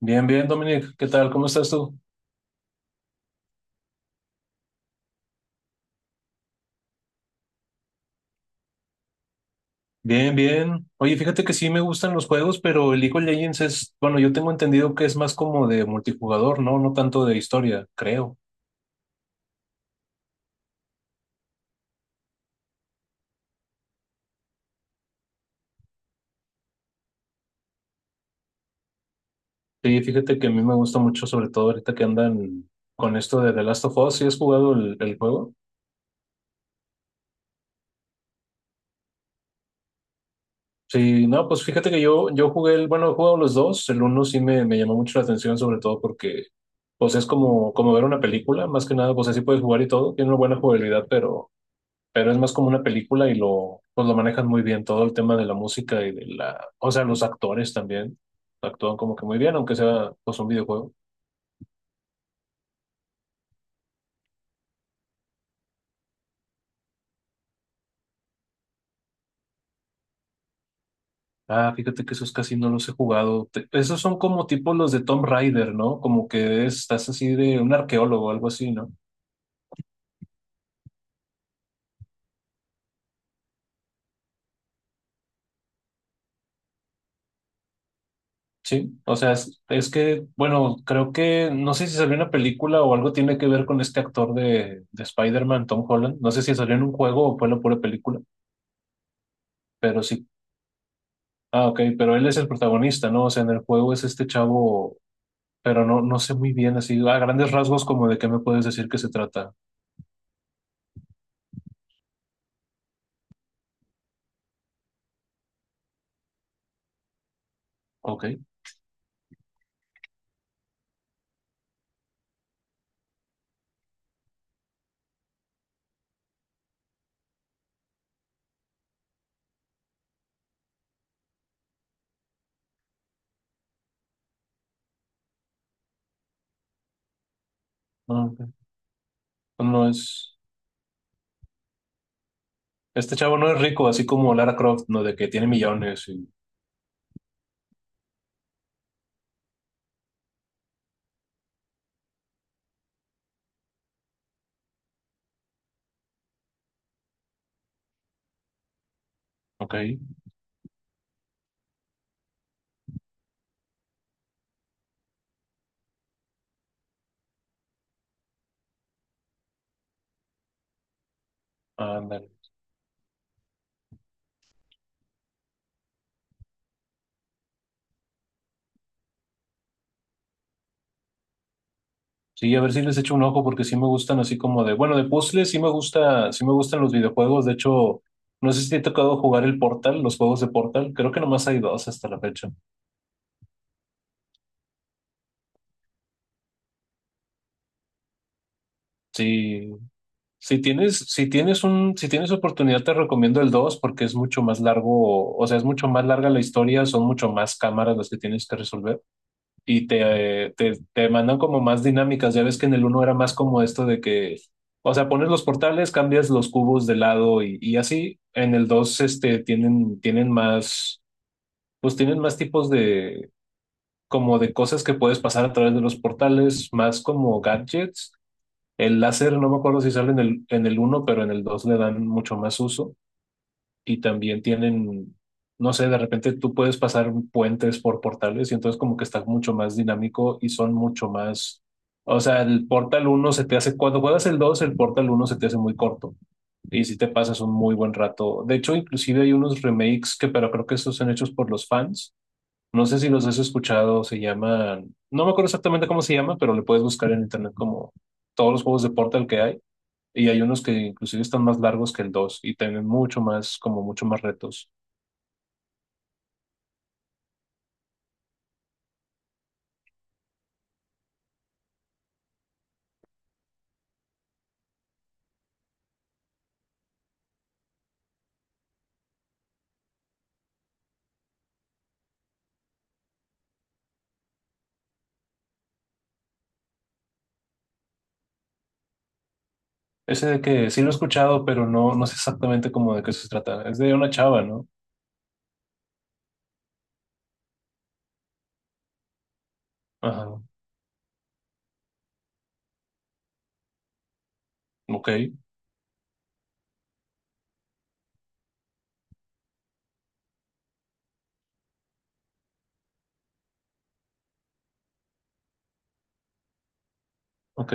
Bien, bien, Dominic, ¿qué tal? ¿Cómo estás tú? Bien, bien. Oye, fíjate que sí me gustan los juegos, pero el League of Legends es, bueno, yo tengo entendido que es más como de multijugador, ¿no? No tanto de historia, creo. Sí, fíjate que a mí me gusta mucho, sobre todo ahorita que andan con esto de The Last of Us. ¿Sí has jugado el juego? Sí, no, pues fíjate que yo he jugado los dos. El uno sí me llamó mucho la atención, sobre todo porque, pues es como ver una película, más que nada, pues así puedes jugar y todo. Tiene una buena jugabilidad, pero es más como una película y lo manejan muy bien, todo el tema de la música y o sea, los actores también actúan como que muy bien, aunque sea pues un videojuego. Ah, fíjate que esos casi no los he jugado. Esos son como tipo los de Tomb Raider, ¿no? Como que estás así de un arqueólogo o algo así, ¿no? Sí, o sea, es que, bueno, creo que, no sé si salió una película o algo tiene que ver con este actor de Spider-Man, Tom Holland. No sé si salió en un juego o fue la pura película, pero sí. Ah, ok, pero él es el protagonista, ¿no? O sea, en el juego es este chavo, pero no, no sé muy bien, así, a grandes rasgos, como de qué me puedes decir que se trata. Ok. Ah, ok. Pues no es. Este chavo no es rico, así como Lara Croft, ¿no? De que tiene millones y. Ok. Ándale. Sí, a ver si les echo un ojo, porque sí me gustan así como de. Bueno, de puzzles sí me gusta, sí me gustan los videojuegos. De hecho, no sé si te ha tocado jugar el Portal, los juegos de Portal. Creo que nomás hay dos hasta la fecha. Sí. Si tienes oportunidad, te recomiendo el 2 porque es mucho más largo, o sea, es mucho más larga la historia, son mucho más cámaras las que tienes que resolver y te mandan como más dinámicas. Ya ves que en el uno era más como esto de que, o sea, pones los portales, cambias los cubos de lado y así. En el 2 tienen más, pues tienen más tipos de, como de cosas que puedes pasar a través de los portales, más como gadgets. El láser, no me acuerdo si sale en el uno, pero en el 2 le dan mucho más uso y también tienen, no sé, de repente tú puedes pasar puentes por portales y entonces como que está mucho más dinámico y son mucho más, o sea, el Portal uno se te hace, cuando juegas el dos, el Portal uno se te hace muy corto y si te pasas un muy buen rato. De hecho, inclusive hay unos remakes, que, pero creo que estos son hechos por los fans. No sé si los has escuchado, se llaman, no me acuerdo exactamente cómo se llama, pero le puedes buscar en internet como todos los juegos de Portal que hay, y hay unos que inclusive están más largos que el 2 y tienen mucho más, como mucho más retos. Ese de que sí lo he escuchado, pero no, no sé exactamente cómo de qué se trata. Es de una chava, ¿no? Ajá. Ok, ok.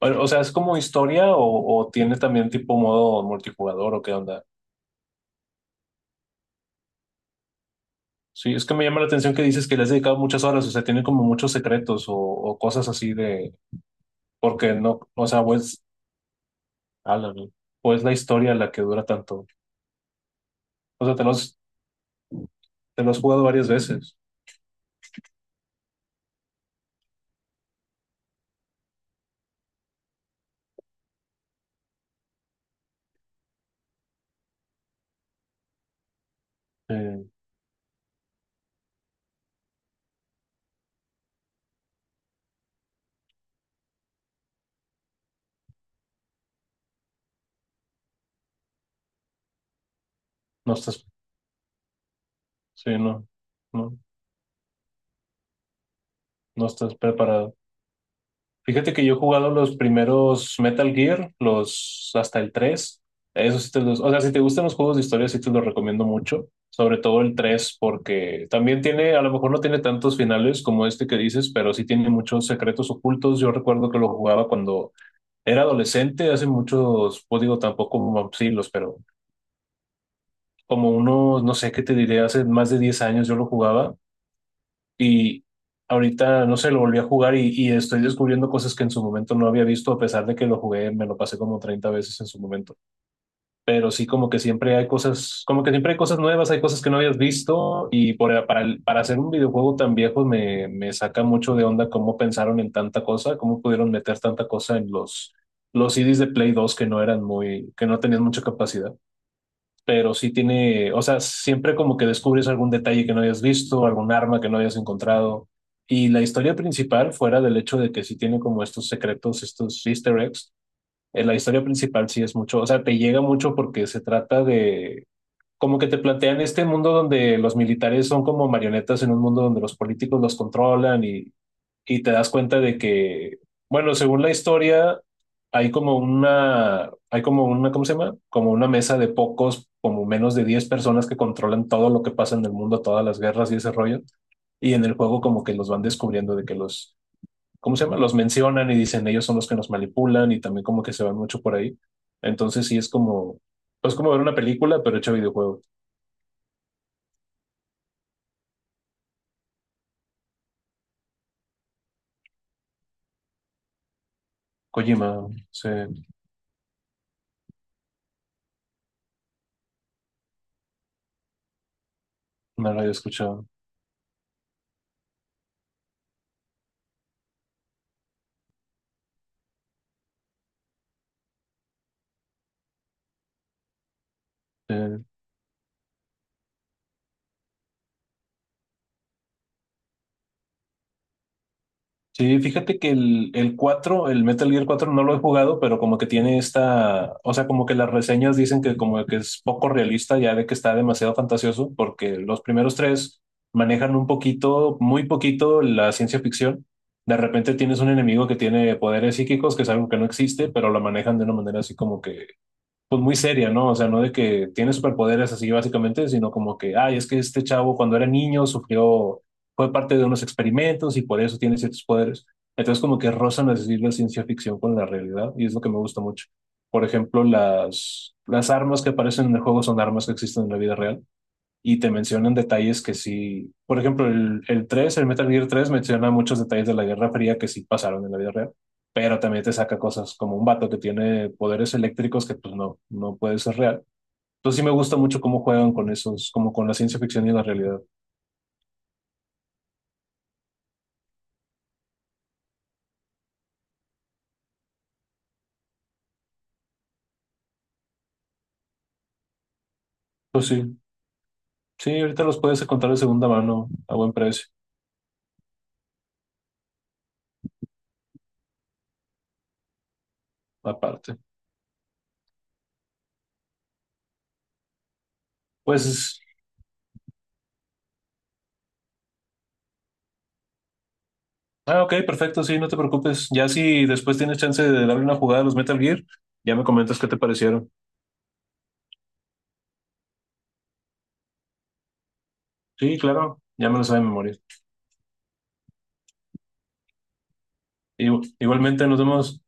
Bueno, o sea, ¿es como historia o tiene también tipo modo multijugador o qué onda? Sí, es que me llama la atención que dices que le has dedicado muchas horas, o sea, tiene como muchos secretos o cosas así de, porque no, o sea, pues, ala, ¿no? ¿O es la historia la que dura tanto? O sea, te lo has jugado varias veces. Eh, no estás Sí, no, no, no estás preparado. Fíjate que yo he jugado los primeros Metal Gear, los hasta el tres. Eso sí te los, o sea, si te gustan los juegos de historia, sí te los recomiendo mucho. Sobre todo el 3 porque también tiene, a lo mejor no tiene tantos finales como este que dices, pero sí tiene muchos secretos ocultos. Yo recuerdo que lo jugaba cuando era adolescente, hace muchos, pues digo, tampoco como siglos, pero como unos, no sé qué te diré, hace más de 10 años yo lo jugaba. Y ahorita, no sé, lo volví a jugar y estoy descubriendo cosas que en su momento no había visto, a pesar de que lo jugué, me lo pasé como 30 veces en su momento. Pero sí, como que siempre hay cosas, como que siempre hay cosas nuevas, hay cosas que no habías visto y para hacer un videojuego tan viejo me saca mucho de onda cómo pensaron en tanta cosa, cómo pudieron meter tanta cosa en los CDs de Play 2 que no eran que no tenían mucha capacidad, pero sí tiene, o sea, siempre como que descubres algún detalle que no hayas visto, algún arma que no hayas encontrado. Y la historia principal, fuera del hecho de que sí tiene como estos secretos, estos easter eggs, la historia principal sí es mucho, o sea, te llega mucho porque se trata de, como que te plantean este mundo donde los militares son como marionetas en un mundo donde los políticos los controlan, y te das cuenta de que, bueno, según la historia, hay como una, ¿cómo se llama? Como una mesa de pocos, como menos de 10 personas que controlan todo lo que pasa en el mundo, todas las guerras y ese rollo. Y en el juego como que los van descubriendo de que los, ¿cómo se llama? Los mencionan y dicen ellos son los que nos manipulan y también como que se van mucho por ahí. Entonces sí es como ver una película, pero hecho videojuego. Kojima, sí, no lo había escuchado. Sí. Sí, fíjate que el Metal Gear 4 no lo he jugado, pero como que tiene esta, o sea, como que las reseñas dicen que como que es poco realista, ya de que está demasiado fantasioso, porque los primeros tres manejan un poquito, muy poquito la ciencia ficción. De repente tienes un enemigo que tiene poderes psíquicos, que es algo que no existe, pero lo manejan de una manera así como que pues muy seria, ¿no? O sea, no de que tiene superpoderes así básicamente, sino como que, ay, es que este chavo cuando era niño sufrió, fue parte de unos experimentos y por eso tiene ciertos poderes. Entonces como que rozan a decir la ciencia ficción con la realidad y es lo que me gusta mucho. Por ejemplo, las armas que aparecen en el juego son armas que existen en la vida real y te mencionan detalles que sí, por ejemplo, el Metal Gear 3 menciona muchos detalles de la Guerra Fría que sí pasaron en la vida real, pero también te saca cosas como un vato que tiene poderes eléctricos que pues no, no puede ser real. Entonces sí me gusta mucho cómo juegan con esos, como con la ciencia ficción y la realidad. Pues sí, sí, ahorita los puedes encontrar de segunda mano a buen precio, aparte. Pues, ah, ok, perfecto, sí, no te preocupes. Ya si después tienes chance de darle una jugada a los Metal Gear, ya me comentas qué te parecieron. Sí, claro, ya me lo sabe de memoria. Igualmente, nos vemos.